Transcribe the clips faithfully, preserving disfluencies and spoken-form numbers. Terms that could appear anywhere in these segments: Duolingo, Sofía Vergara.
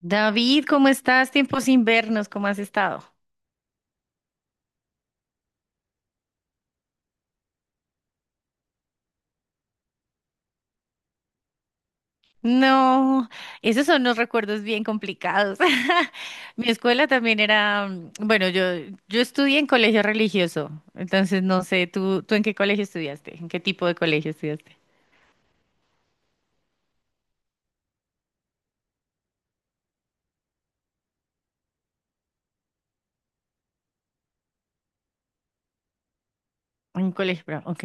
David, ¿cómo estás? Tiempos sin vernos, ¿cómo has estado? No, esos son los recuerdos bien complicados. Mi escuela también era, mm, bueno, yo, yo estudié en colegio religioso, entonces no sé, ¿tú, tú en qué colegio estudiaste? ¿En qué tipo de colegio estudiaste? En colegio, pero, ok.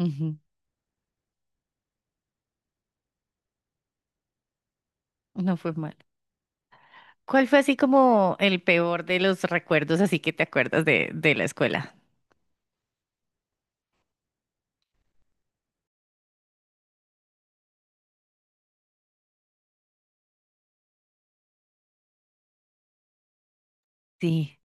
Ujú, no fue mal. ¿Cuál fue así como el peor de los recuerdos, así que te acuerdas de, de la escuela? Sí.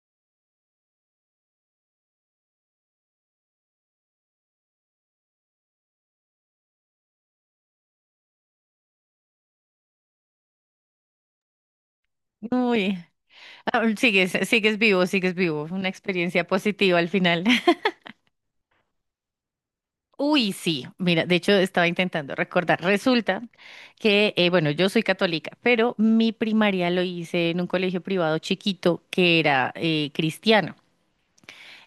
Uy, ah, sigues, sigues vivo, sigues vivo. Una experiencia positiva al final. Uy, sí, mira, de hecho estaba intentando recordar. Resulta que, eh, bueno, yo soy católica, pero mi primaria lo hice en un colegio privado chiquito que era eh, cristiano.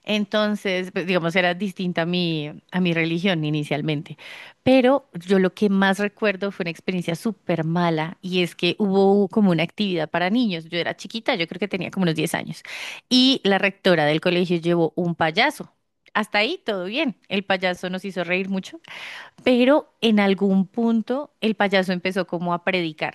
Entonces, pues, digamos, era distinta a mi, a mi religión inicialmente. Pero yo lo que más recuerdo fue una experiencia súper mala y es que hubo como una actividad para niños. Yo era chiquita, yo creo que tenía como unos diez años. Y la rectora del colegio llevó un payaso. Hasta ahí todo bien. El payaso nos hizo reír mucho pero en algún punto el payaso empezó como a predicar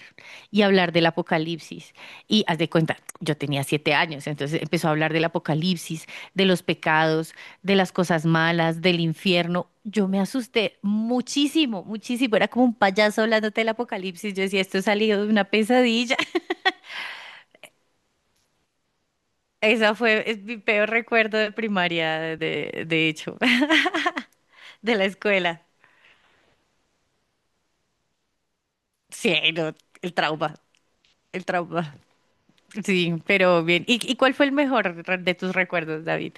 y a hablar del apocalipsis. Y haz de cuenta, yo tenía siete años, entonces empezó a hablar del apocalipsis, de los pecados, de las cosas malas, del infierno. Yo me asusté muchísimo, muchísimo. Era como un payaso hablándote del apocalipsis. Yo decía, esto ha salido de una pesadilla. Esa fue, es mi peor recuerdo de primaria, de, de hecho, de la escuela. Sí, no, el trauma, el trauma. Sí, pero bien. ¿Y, y cuál fue el mejor re- de tus recuerdos, David,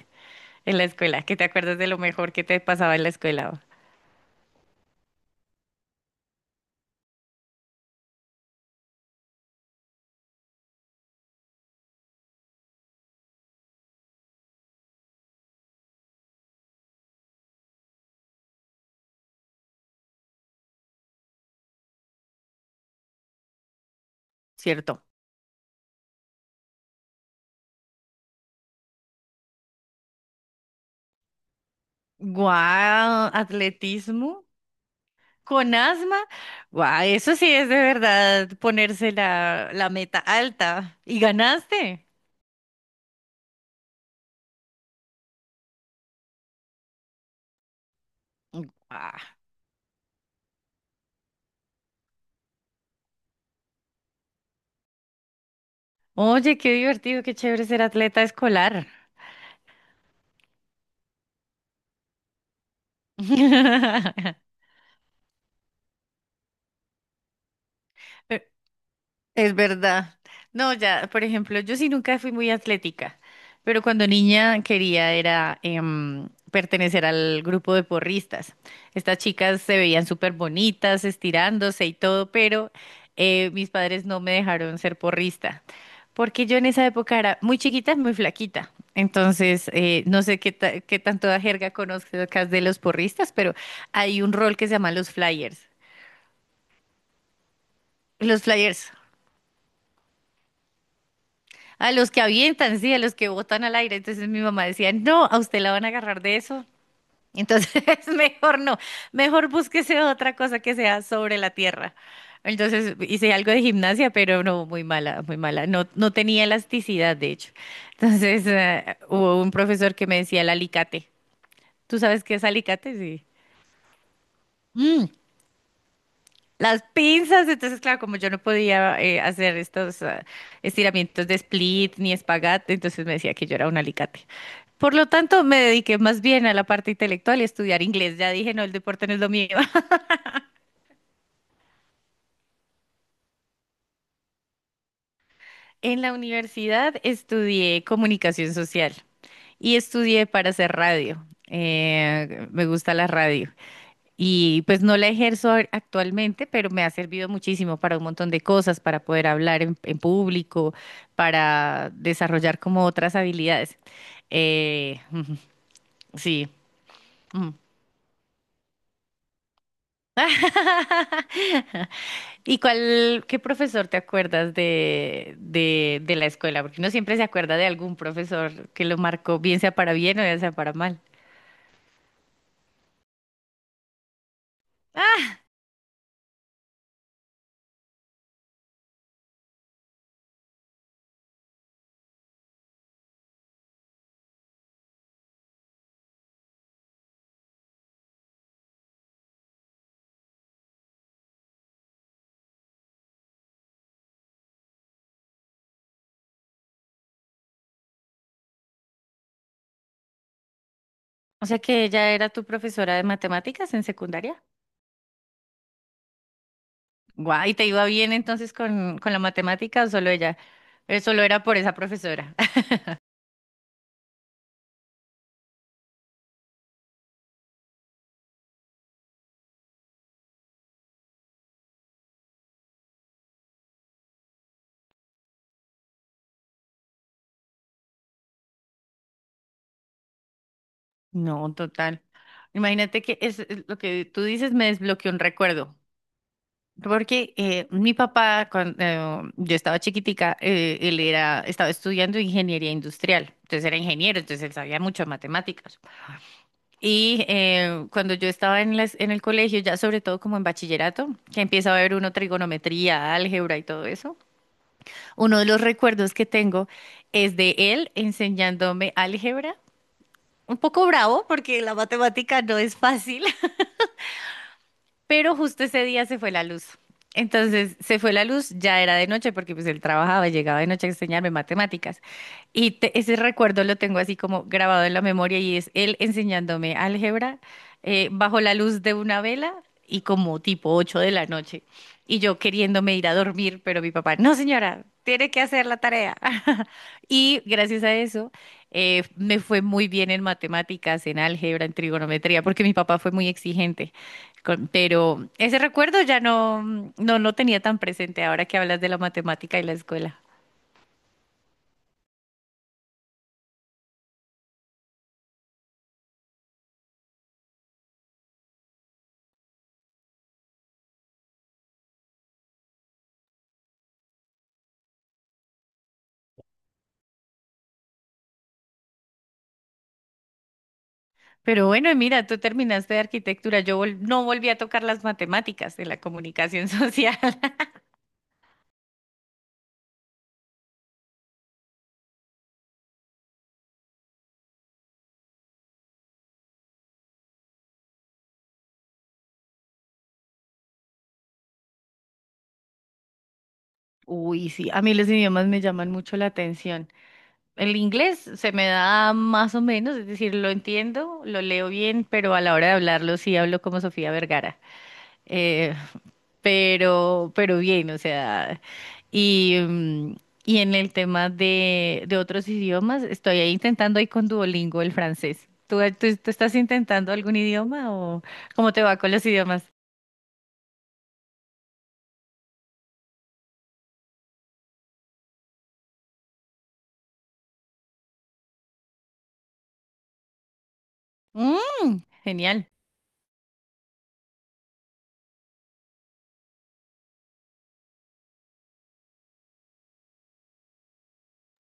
en la escuela? ¿Qué te acuerdas de lo mejor que te pasaba en la escuela? ¿Cierto? Guau, atletismo con asma. Guau, eso sí es de verdad ponerse la, la meta alta. ¿Y ganaste? Guau. Oye, qué divertido, qué chévere ser atleta escolar. Es verdad. No, ya, por ejemplo, yo sí nunca fui muy atlética, pero cuando niña quería era em, pertenecer al grupo de porristas. Estas chicas se veían súper bonitas, estirándose y todo, pero eh, mis padres no me dejaron ser porrista, porque yo en esa época era muy chiquita, muy flaquita. Entonces, eh, no sé qué, ta- qué tanto jerga conozcas de los porristas, pero hay un rol que se llama los flyers. Los flyers. A los que avientan, sí, a los que botan al aire. Entonces mi mamá decía, no, a usted la van a agarrar de eso. Entonces mejor no, mejor búsquese otra cosa que sea sobre la tierra. Entonces hice algo de gimnasia, pero no, muy mala, muy mala. No, no tenía elasticidad, de hecho. Entonces eh, hubo un profesor que me decía el alicate. ¿Tú sabes qué es alicate? Sí, las pinzas. Entonces, claro, como yo no podía eh, hacer estos ah, estiramientos de split ni espagat, entonces me decía que yo era un alicate. Por lo tanto, me dediqué más bien a la parte intelectual y a estudiar inglés. Ya dije, no, el deporte no es lo mío. En la universidad estudié comunicación social y estudié para hacer radio. Eh, me gusta la radio. Y pues no la ejerzo a- actualmente, pero me ha servido muchísimo para un montón de cosas, para poder hablar en, en público, para desarrollar como otras habilidades. Eh, ujú, sí. Ujú. ¿Y cuál, qué profesor te acuerdas de, de, de la escuela? Porque uno siempre se acuerda de algún profesor que lo marcó, bien sea para bien o bien sea para mal. O sea que ella era tu profesora de matemáticas en secundaria. Guau, ¿y te iba bien entonces con, con la matemática o solo ella? Eh, solo era por esa profesora. No, total. Imagínate que es es lo que tú dices me desbloqueó un recuerdo. Porque eh, mi papá, cuando eh, yo estaba chiquitica, eh, él era, estaba estudiando ingeniería industrial. Entonces era ingeniero, entonces él sabía mucho de matemáticas. Y eh, cuando yo estaba en, las- en el colegio, ya sobre todo como en bachillerato, que empieza a ver uno trigonometría, álgebra y todo eso. Uno de los recuerdos que tengo es de él enseñándome álgebra. Un poco bravo porque la matemática no es fácil. Pero justo ese día se fue la luz. Entonces se fue la luz, ya era de noche porque pues él trabajaba, llegaba de noche a enseñarme matemáticas. Y te- ese recuerdo lo tengo así como grabado en la memoria y es él enseñándome álgebra eh, bajo la luz de una vela y como tipo ocho de la noche. Y yo queriéndome ir a dormir, pero mi papá, no señora, tiene que hacer la tarea. Y gracias a eso eh, me fue muy bien en matemáticas, en álgebra, en trigonometría, porque mi papá fue muy exigente. Con- Pero ese recuerdo ya no, no lo tenía tan presente ahora que hablas de la matemática y la escuela. Pero bueno, mira, tú terminaste de arquitectura, yo vol- no volví a tocar las matemáticas de la comunicación social. Uy, sí, a mí los idiomas me llaman mucho la atención. El inglés se me da más o menos, es decir, lo entiendo, lo leo bien, pero a la hora de hablarlo sí hablo como Sofía Vergara. Eh, pero, pero bien, o sea, y, mm, y en el tema de, de otros idiomas, estoy ahí intentando ahí con Duolingo el francés. ¿Tú, tú, tú estás intentando algún idioma o cómo te va con los idiomas? Mm, genial.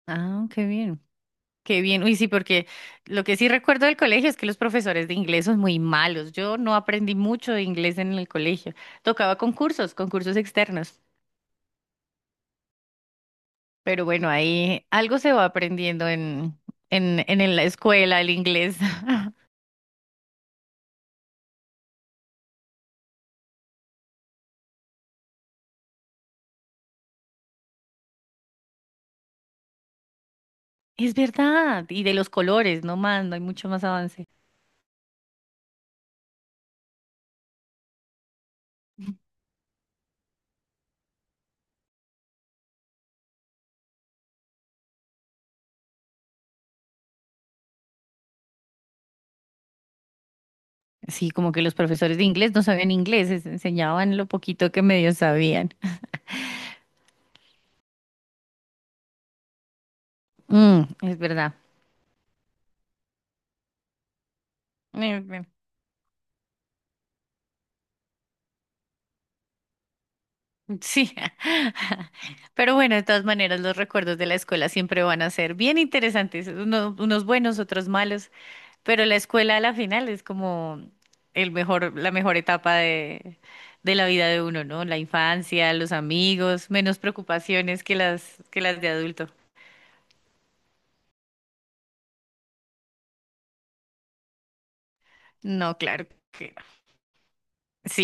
Ah, qué bien. Qué bien. Uy, sí, porque lo que sí recuerdo del colegio es que los profesores de inglés son muy malos. Yo no aprendí mucho de inglés en el colegio. Tocaba concursos, concursos externos. Pero bueno, ahí algo se va aprendiendo en, en, en la escuela, el inglés. Es verdad, y de los colores, no más, no hay mucho más avance. Sí, como que los profesores de inglés no sabían inglés, les enseñaban lo poquito que medio sabían. Mm, es verdad. Eh, bueno, sí, pero bueno, de todas maneras los recuerdos de la escuela siempre van a ser bien interesantes, uno- unos buenos, otros malos. Pero la escuela a la final es como el mejor, la mejor etapa de, de la vida de uno, ¿no? La infancia, los amigos, menos preocupaciones que las, que las de adulto. No, claro que no. Sí,